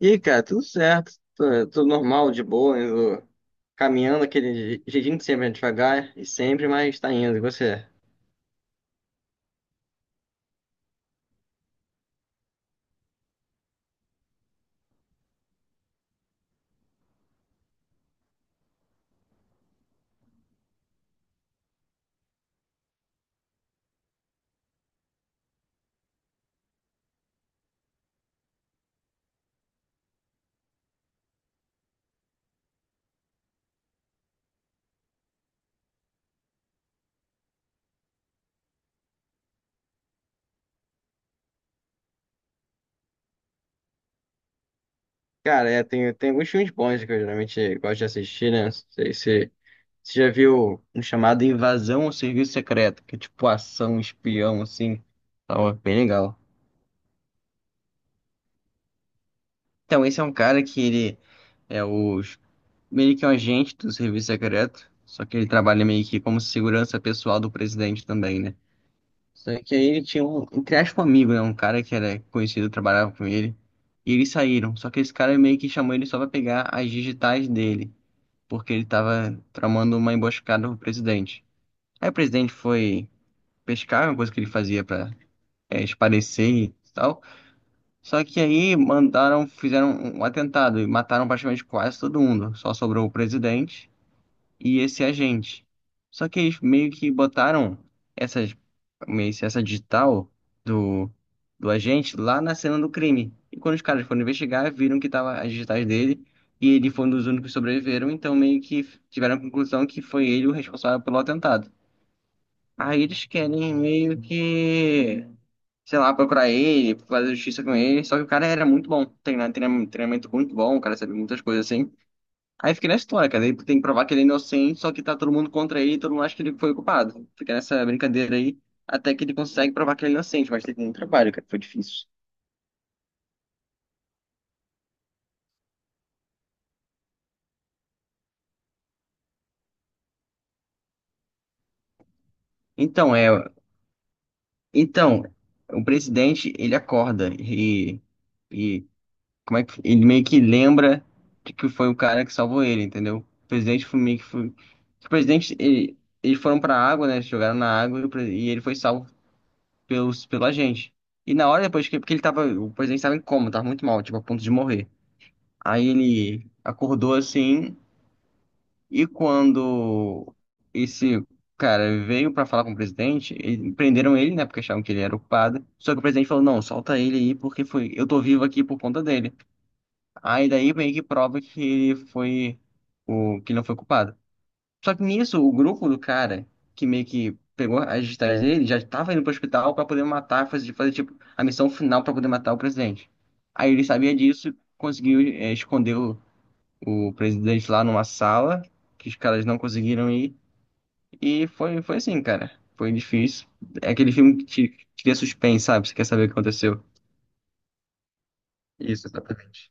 E aí, cara, tudo certo, tudo normal, de boa, indo, caminhando aquele jeitinho que sempre é devagar e sempre, mas tá indo, e você? Cara, é, tem alguns filmes bons que eu geralmente gosto de assistir, né? Não sei se você já viu um chamado Invasão ao Serviço Secreto, que é tipo ação, espião, assim, tava bem legal. Então, esse é um cara que ele é o, meio que um agente do Serviço Secreto, só que ele trabalha meio que como segurança pessoal do presidente também, né? Só que aí ele tinha um, entre aspas, um amigo, né? Um cara que era conhecido, trabalhava com ele. E eles saíram. Só que esse cara meio que chamou ele só pra pegar as digitais dele, porque ele tava tramando uma emboscada pro presidente. Aí o presidente foi pescar, uma coisa que ele fazia pra, é, espairecer e tal. Só que aí mandaram, fizeram um atentado e mataram praticamente quase todo mundo. Só sobrou o presidente e esse agente. Só que eles meio que botaram essas, meio que essa digital do, do agente lá na cena do crime. E quando os caras foram investigar, viram que tava as digitais dele e ele foi um dos únicos que sobreviveram, então meio que tiveram a conclusão que foi ele o responsável pelo atentado. Aí eles querem meio que, sei lá, procurar ele, fazer justiça com ele, só que o cara era muito bom, treinamento, treinamento muito bom, o cara sabia muitas coisas assim. Aí fica nessa história, cara. Ele tem que provar que ele é inocente, só que tá todo mundo contra ele, todo mundo acha que ele foi o culpado. Fica nessa brincadeira aí, até que ele consegue provar que ele é inocente, mas teve muito trabalho, cara, foi difícil. Então, é. Então, o presidente, ele acorda e. E. Como é que. Ele meio que lembra de que foi o cara que salvou ele, entendeu? O presidente foi meio que. Foi, o presidente, ele, eles foram pra água, né? Eles jogaram na água e o e ele foi salvo pela gente. E na hora depois que porque ele tava, o presidente estava em coma, tava muito mal, tipo, a ponto de morrer. Aí ele acordou assim, e quando esse cara veio pra falar com o presidente, prenderam ele, né, porque achavam que ele era o culpado. Só que o presidente falou: "Não, solta ele aí porque foi, eu tô vivo aqui por conta dele". Aí daí meio que prova que ele foi o que ele não foi culpado. Só que nisso, o grupo do cara, que meio que pegou as digitais dele, já tava indo pro hospital pra poder matar, fazer, tipo, a missão final pra poder matar o presidente. Aí ele sabia disso, conseguiu, é, esconder o presidente lá numa sala, que os caras não conseguiram ir. E foi, foi assim, cara. Foi difícil. É aquele filme que te cria suspense, sabe? Você quer saber o que aconteceu. Isso, exatamente.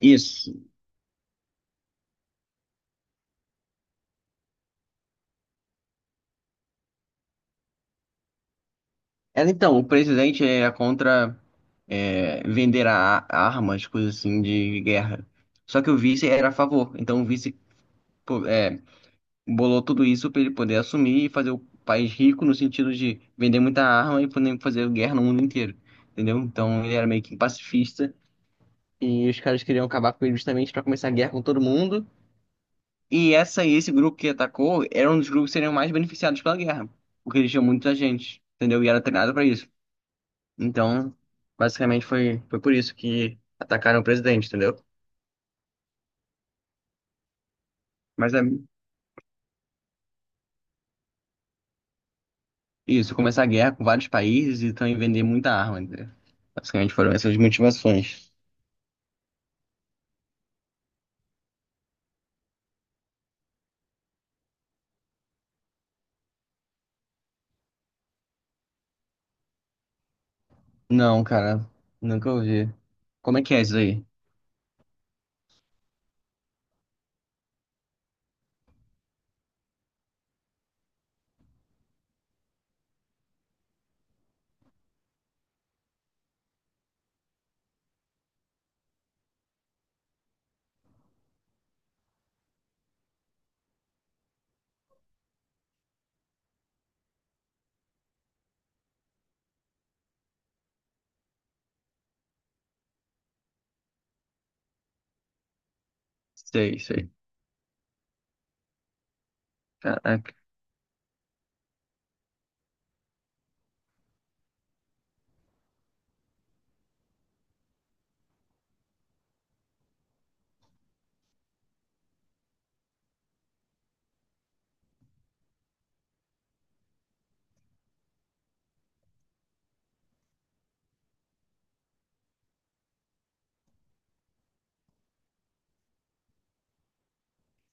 Isso. Ela, então, o presidente é contra, é, vender armas, coisas assim, de guerra. Só que o vice era a favor. Então o vice, pô, é, bolou tudo isso para ele poder assumir e fazer o país rico no sentido de vender muita arma e poder fazer guerra no mundo inteiro. Entendeu? Então ele era meio que pacifista e os caras queriam acabar com ele justamente para começar a guerra com todo mundo. E esse grupo que atacou era um dos grupos que seriam mais beneficiados pela guerra, porque eles tinham muita gente, entendeu? E era treinado para isso. Então, basicamente foi, foi por isso que atacaram o presidente, entendeu? Mas é isso, começar a guerra com vários países e também vender muita arma, entendeu? Basicamente foram essas motivações. Não, cara, nunca ouvi. Como é que é isso aí? Sei, sei. Caraca,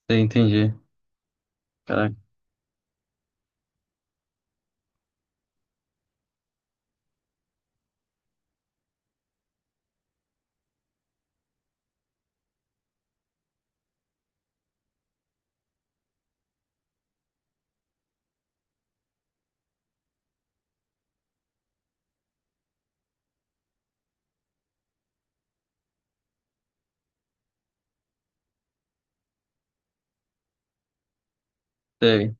sei, entendi. Caraca, sei.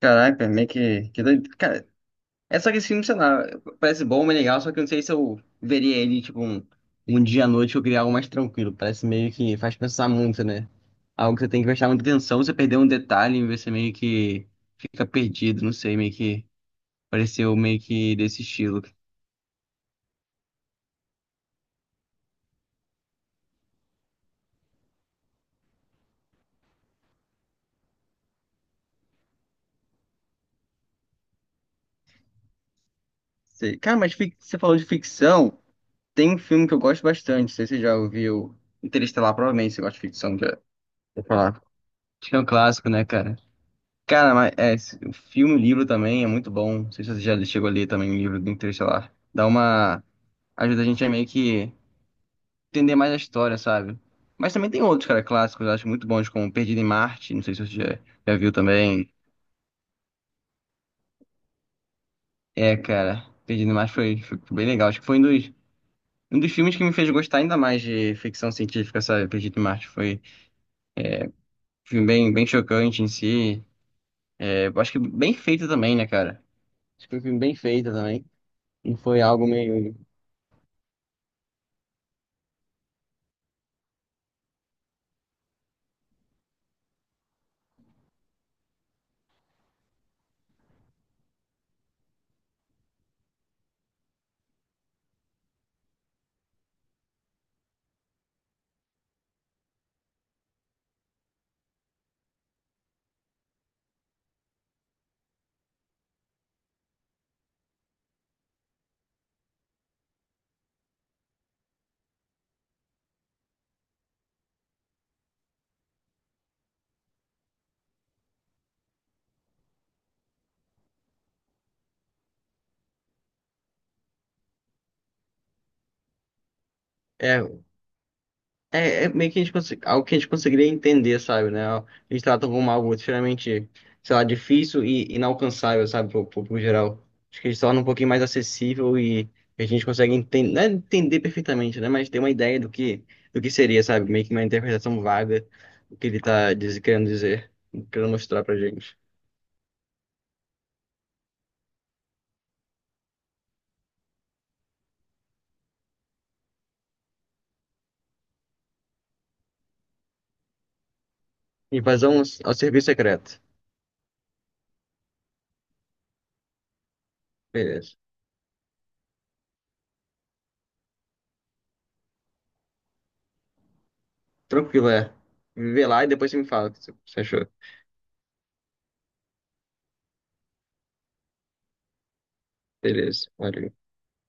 Caraca, meio que doido. Cara, é, só que esse filme, sei lá, parece bom, é legal, só que eu não sei se eu veria ele, tipo, um dia à noite ou criar algo mais tranquilo. Parece meio que faz pensar muito, né? Algo que você tem que prestar muita atenção, você perder um detalhe, você meio que fica perdido, não sei, meio que pareceu meio que desse estilo. Sei. Cara, mas você falou de ficção, tem um filme que eu gosto bastante, não sei se você já ouviu Interestelar, provavelmente você gosta de ficção, já vou falar. Acho que é um clássico, né, cara? Cara, mas é, o filme, o livro também é muito bom. Não sei se você já chegou a ler também o livro do Interestelar. Dá uma. Ajuda a gente a meio que entender mais a história, sabe? Mas também tem outros, cara, clássicos, eu acho muito bons, como Perdido em Marte. Não sei se você já, já viu também. É, cara, Perdido em Marte foi, foi bem legal. Acho que foi um dos filmes que me fez gostar ainda mais de ficção científica, sabe? Perdido em Marte foi um filme bem, bem chocante em si. É, eu acho que bem feito também, né, cara? Acho que foi um filme bem feito também. E foi algo meio. É, é, é meio que a gente algo que a gente conseguiria entender, sabe, né? A gente trata como algo extremamente, sei lá, difícil e inalcançável, sabe, pro público geral. Acho que a gente tornam um pouquinho mais acessível e a gente consegue entender, não é entender perfeitamente, né? Mas ter uma ideia do que seria, sabe? Meio que uma interpretação vaga do que ele tá querendo dizer, querendo mostrar pra gente. Invasão ao serviço secreto. Beleza. Tranquilo, é. Vê lá e depois você me fala o que você achou. Beleza. Valeu.